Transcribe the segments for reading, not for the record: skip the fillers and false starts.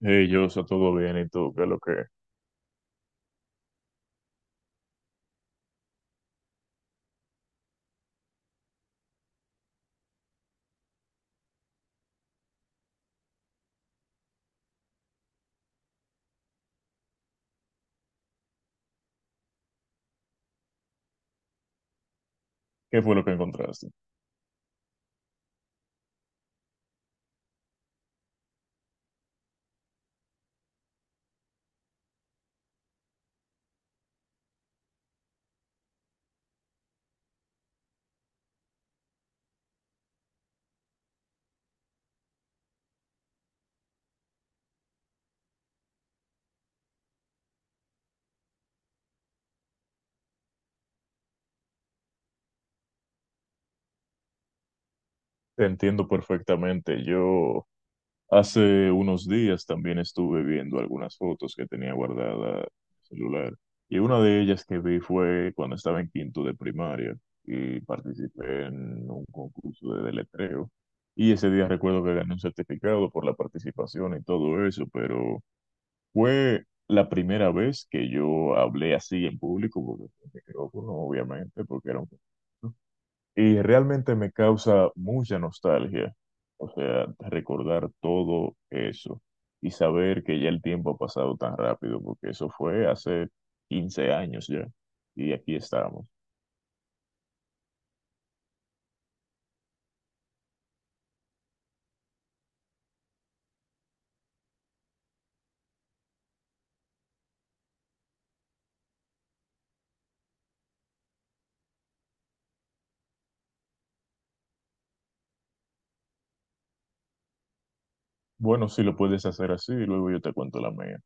Hey, yo, está todo bien y tú, ¿qué es lo que, qué fue lo que encontraste? Te entiendo perfectamente. Yo hace unos días también estuve viendo algunas fotos que tenía guardada en el celular y una de ellas que vi fue cuando estaba en quinto de primaria y participé en un concurso de deletreo y ese día recuerdo que gané un certificado por la participación y todo eso, pero fue la primera vez que yo hablé así en público porque con micrófono, obviamente, porque era un concurso. Y realmente me causa mucha nostalgia, o sea, recordar todo eso y saber que ya el tiempo ha pasado tan rápido, porque eso fue hace 15 años ya, y aquí estamos. Bueno, si lo puedes hacer así, y luego yo te cuento la mía.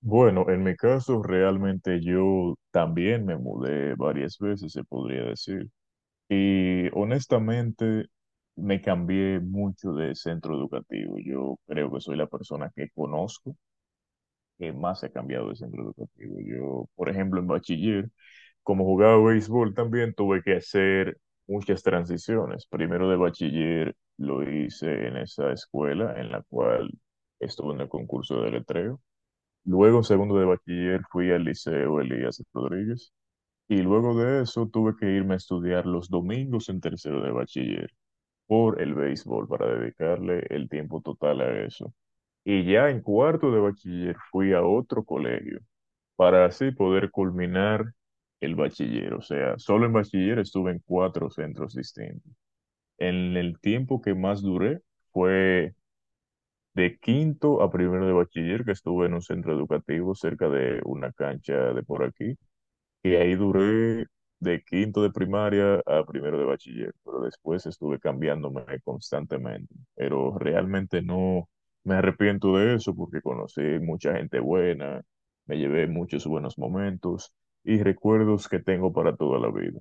Bueno, en mi caso, realmente yo también me mudé varias veces, se podría decir, y honestamente me cambié mucho de centro educativo. Yo creo que soy la persona que conozco que más se ha cambiado el centro educativo. Yo, por ejemplo, en bachiller, como jugaba béisbol también, tuve que hacer muchas transiciones. Primero de bachiller lo hice en esa escuela en la cual estuve en el concurso de letreo. Luego, en segundo de bachiller, fui al Liceo Elías Rodríguez. Y luego de eso tuve que irme a estudiar los domingos en tercero de bachiller por el béisbol para dedicarle el tiempo total a eso. Y ya en cuarto de bachiller fui a otro colegio para así poder culminar el bachiller. O sea, solo en bachiller estuve en 4 centros distintos. En el tiempo que más duré fue de quinto a primero de bachiller, que estuve en un centro educativo cerca de una cancha de por aquí, y ahí duré de quinto de primaria a primero de bachiller, pero después estuve cambiándome constantemente. Pero realmente no me arrepiento de eso porque conocí mucha gente buena, me llevé muchos buenos momentos y recuerdos que tengo para toda la vida.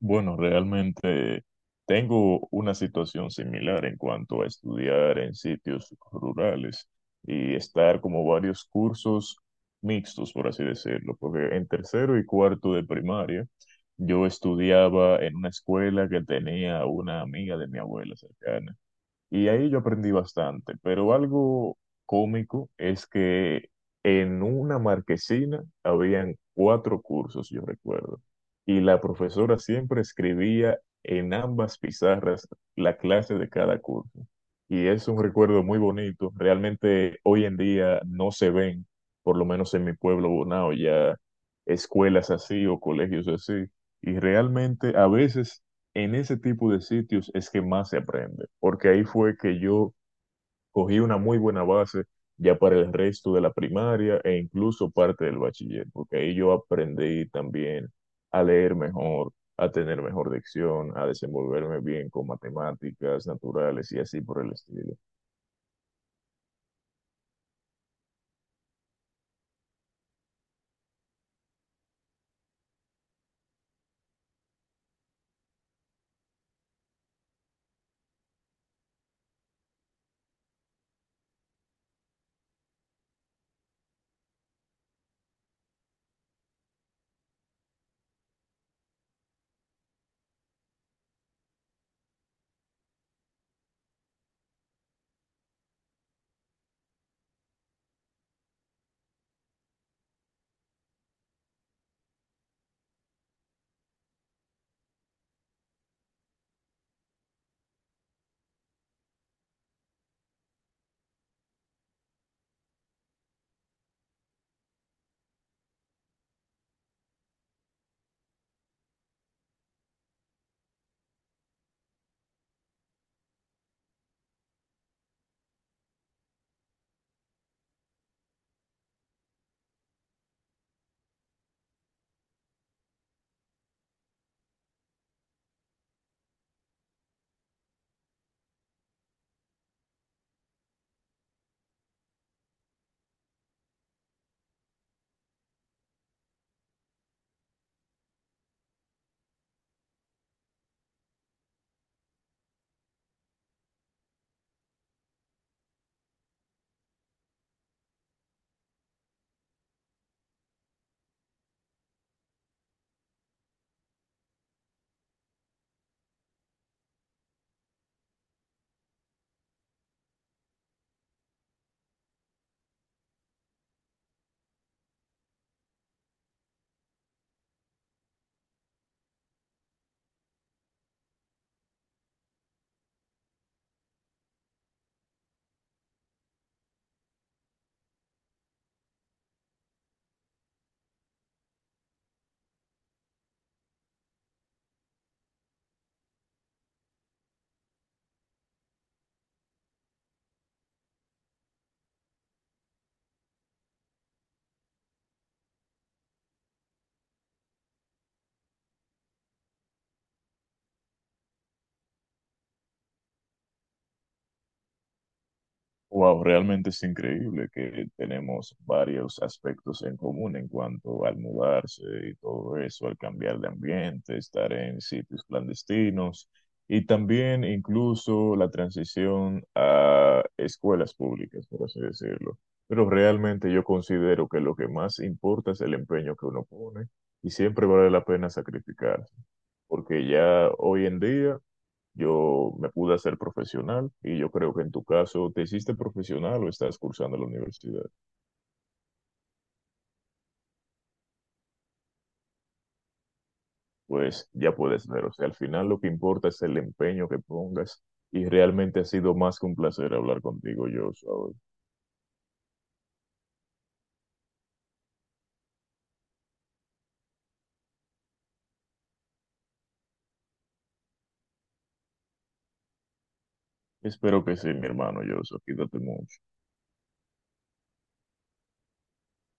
Bueno, realmente tengo una situación similar en cuanto a estudiar en sitios rurales y estar como varios cursos mixtos, por así decirlo, porque en tercero y cuarto de primaria yo estudiaba en una escuela que tenía una amiga de mi abuela cercana. Y ahí yo aprendí bastante, pero algo cómico es que en una marquesina habían 4 cursos, yo recuerdo, y la profesora siempre escribía en ambas pizarras la clase de cada curso. Y es un recuerdo muy bonito, realmente hoy en día no se ven, por lo menos en mi pueblo Bonao, ya escuelas así o colegios así. Y realmente a veces en ese tipo de sitios es que más se aprende, porque ahí fue que yo cogí una muy buena base ya para el resto de la primaria e incluso parte del bachiller, porque ahí yo aprendí también a leer mejor, a tener mejor dicción, a desenvolverme bien con matemáticas naturales y así por el estilo. Wow, realmente es increíble que tenemos varios aspectos en común en cuanto al mudarse y todo eso, al cambiar de ambiente, estar en sitios clandestinos y también incluso la transición a escuelas públicas, por así decirlo. Pero realmente yo considero que lo que más importa es el empeño que uno pone y siempre vale la pena sacrificarse, porque ya hoy en día... Yo me pude hacer profesional y yo creo que en tu caso te hiciste profesional o estás cursando la universidad. Pues ya puedes ver, o sea, al final lo que importa es el empeño que pongas y realmente ha sido más que un placer hablar contigo, Joshua. Espero que sí, mi hermano Joshua. Cuídate mucho.